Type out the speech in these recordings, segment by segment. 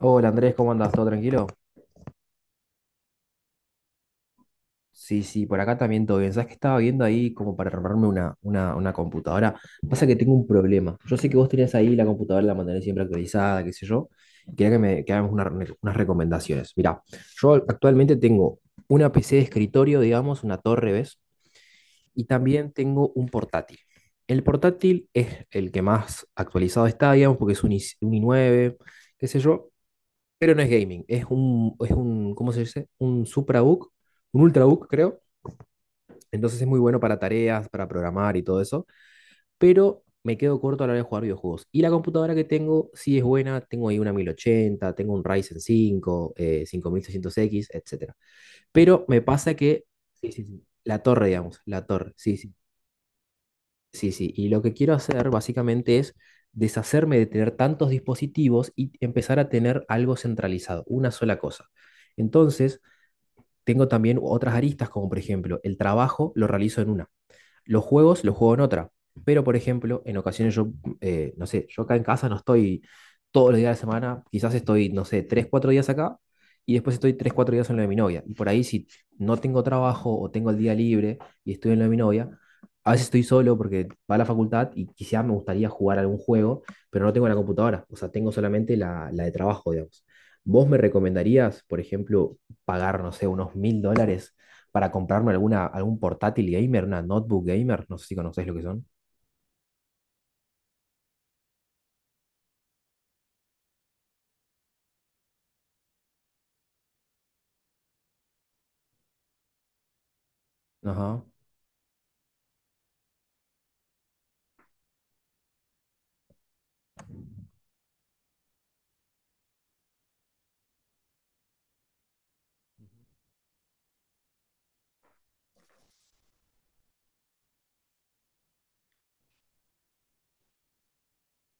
Hola Andrés, ¿cómo andas? ¿Todo tranquilo? Sí, sí, por acá también todo bien. ¿Sabes que estaba viendo ahí como para armarme una computadora? Pasa que tengo un problema. Yo sé que vos tenés ahí la computadora, la mantenés siempre actualizada, qué sé yo. Quería que hagamos unas recomendaciones. Mirá, yo actualmente tengo una PC de escritorio, digamos, una torre, ¿ves? Y también tengo un portátil. El portátil es el que más actualizado está, digamos, porque es un i9, qué sé yo. Pero no es gaming, es un, ¿cómo se dice? Un suprabook, un ultrabook, creo. Entonces es muy bueno para tareas, para programar y todo eso, pero me quedo corto a la hora de jugar videojuegos. Y la computadora que tengo sí es buena, tengo ahí una 1080, tengo un Ryzen 5 5600 x, etcétera. Pero me pasa que, sí, sí, sí, la torre, digamos, la torre, sí, sí, sí, sí. Y lo que quiero hacer básicamente es deshacerme de tener tantos dispositivos y empezar a tener algo centralizado, una sola cosa. Entonces, Tengo también otras aristas, como por ejemplo, el trabajo lo realizo en una. Los juegos los juego en otra. Pero, por ejemplo, no sé, yo acá en casa no estoy todos los días de la semana, quizás estoy, no sé, tres, cuatro días acá y después estoy tres, cuatro días en lo de mi novia. Y por ahí si no tengo trabajo o tengo el día libre y estoy en lo de mi novia, a veces estoy solo porque va a la facultad y quizás me gustaría jugar algún juego, pero no tengo la computadora, o sea, tengo solamente la de trabajo, digamos. ¿Vos me recomendarías, por ejemplo, pagar, no sé, unos $1000 para comprarme algún portátil gamer, una notebook gamer, no sé si conocéis lo que son? Ajá,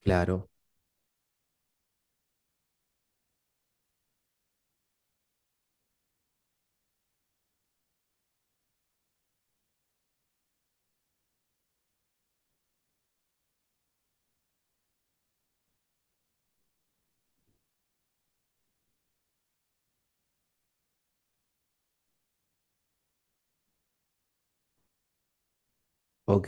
claro. Ok,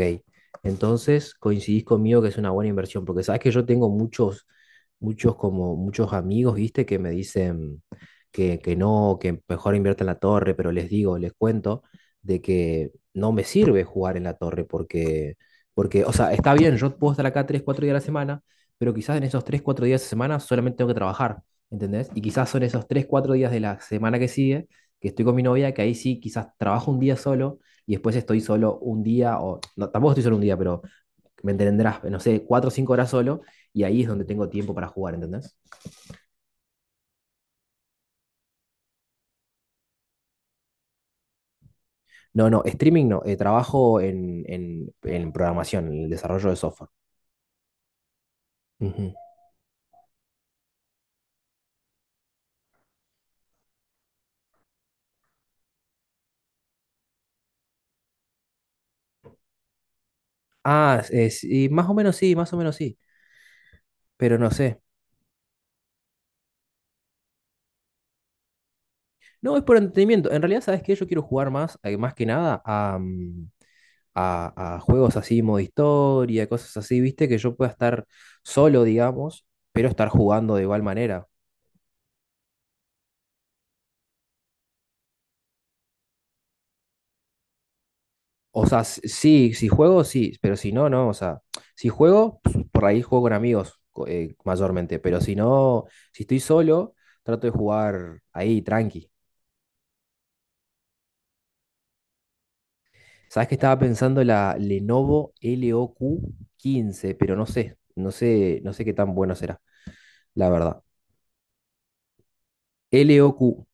entonces coincidís conmigo que es una buena inversión, porque sabes que yo tengo muchos amigos, viste, que me dicen que no, que mejor invierta en la torre, pero les digo, les cuento de que no me sirve jugar en la torre, porque, o sea, está bien, yo puedo estar acá 3 4 días a la semana, pero quizás en esos 3 4 días de semana solamente tengo que trabajar, ¿entendés? Y quizás son esos 3 cuatro días de la semana que sigue, que estoy con mi novia, que ahí sí, quizás trabajo un día solo y después estoy solo un día, o no, tampoco estoy solo un día, pero me entenderás, no sé, cuatro o cinco horas solo, y ahí es donde tengo tiempo para jugar, ¿entendés? No, no, streaming no, trabajo en programación, en el desarrollo de software. Ujú. Sí, más o menos sí, más o menos sí, pero no sé. No, es por entretenimiento. En realidad, ¿sabes qué? Yo quiero jugar más, más que nada, a juegos así, modo historia, cosas así, ¿viste? Que yo pueda estar solo, digamos, pero estar jugando de igual manera. O sea, sí, si juego, sí, pero si no, no. O sea, si juego, pues, por ahí juego con amigos mayormente, pero si no, si estoy solo, trato de jugar ahí, tranqui. ¿Sabes que estaba pensando la Lenovo LOQ 15, pero no sé qué tan bueno será, la verdad? LOQ.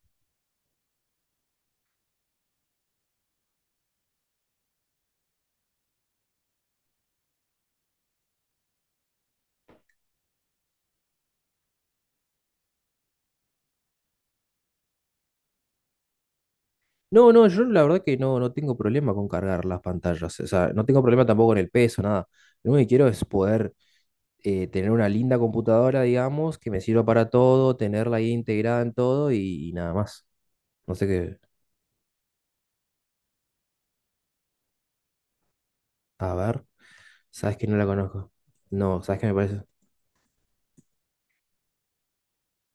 No, no, yo la verdad que no, no tengo problema con cargar las pantallas. O sea, no tengo problema tampoco con el peso, nada. Lo único que quiero es poder tener una linda computadora, digamos, que me sirva para todo, tenerla ahí integrada en todo y nada más. No sé qué. A ver, sabes que no la conozco. No, sabes qué me parece.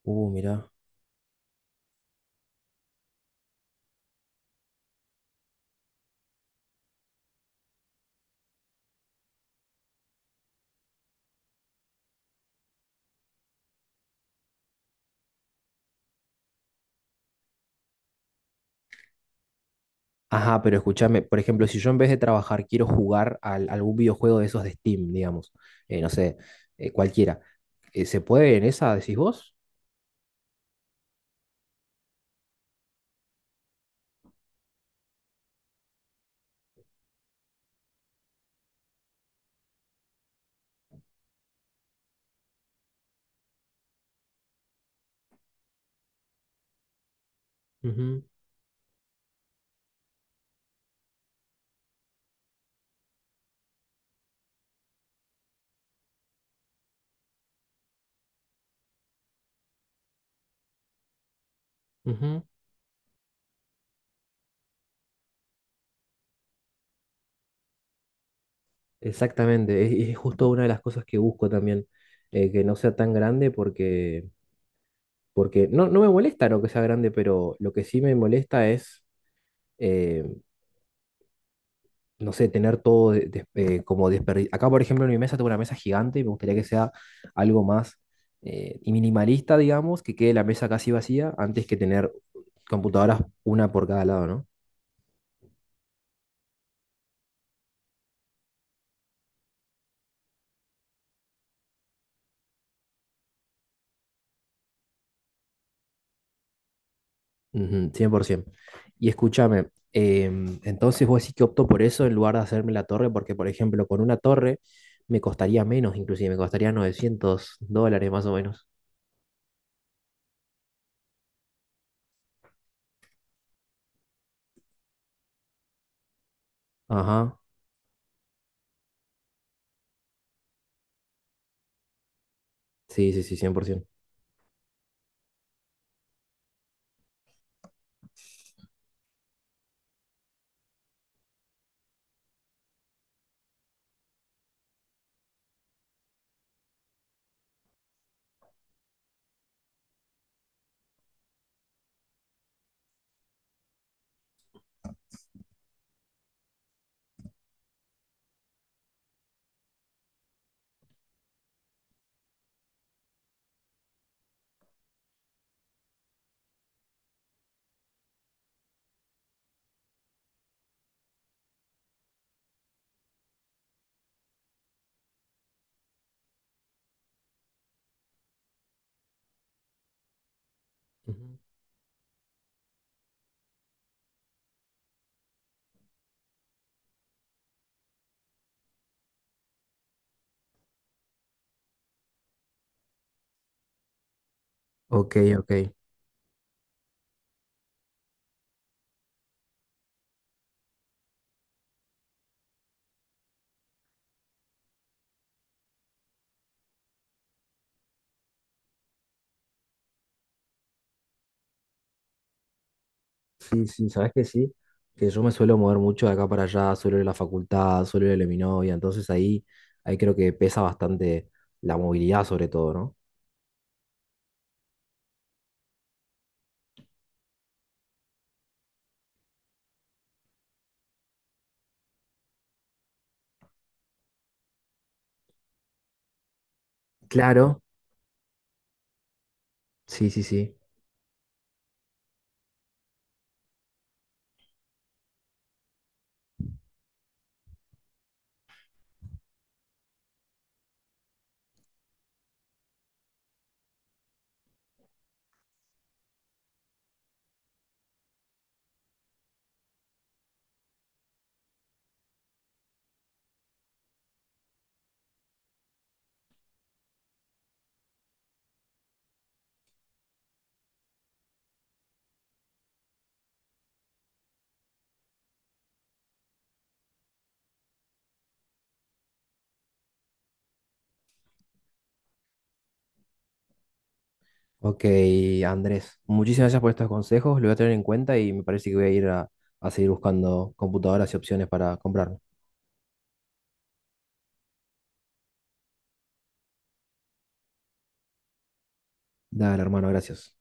Mirá. Ajá, pero escúchame, por ejemplo, si yo en vez de trabajar quiero jugar a algún videojuego de esos de Steam, digamos, no sé, cualquiera, ¿se puede en esa, decís vos? Ujú, ujú. Exactamente, es justo una de las cosas que busco también, que no sea tan grande porque… Porque no, no me molesta no que sea grande, pero lo que sí me molesta es, eh, no sé, tener todo como desperdiciado. Acá, por ejemplo, en mi mesa tengo una mesa gigante y me gustaría que sea algo más y minimalista, digamos, que quede la mesa casi vacía antes que tener computadoras una por cada lado, ¿no? Ujú, 100%. Y escúchame, entonces vos decís que opto por eso en lugar de hacerme la torre, porque, por ejemplo, con una torre me costaría menos, inclusive me costaría $900 más o menos. Ajá. Sí, sí, sí, 100%. Ujú. Ok, ok. Sí, sí, sabes que sí, que yo me suelo mover mucho de acá para allá, suelo ir a la facultad, suelo ir a la de mi novia, entonces ahí, ahí creo que pesa bastante la movilidad sobre todo, ¿no? Claro, sí, sí, sí. Ok, Andrés, muchísimas gracias por estos consejos, lo voy a tener en cuenta y me parece que voy a ir a seguir buscando computadoras y opciones para comprarme. Dale, hermano, gracias.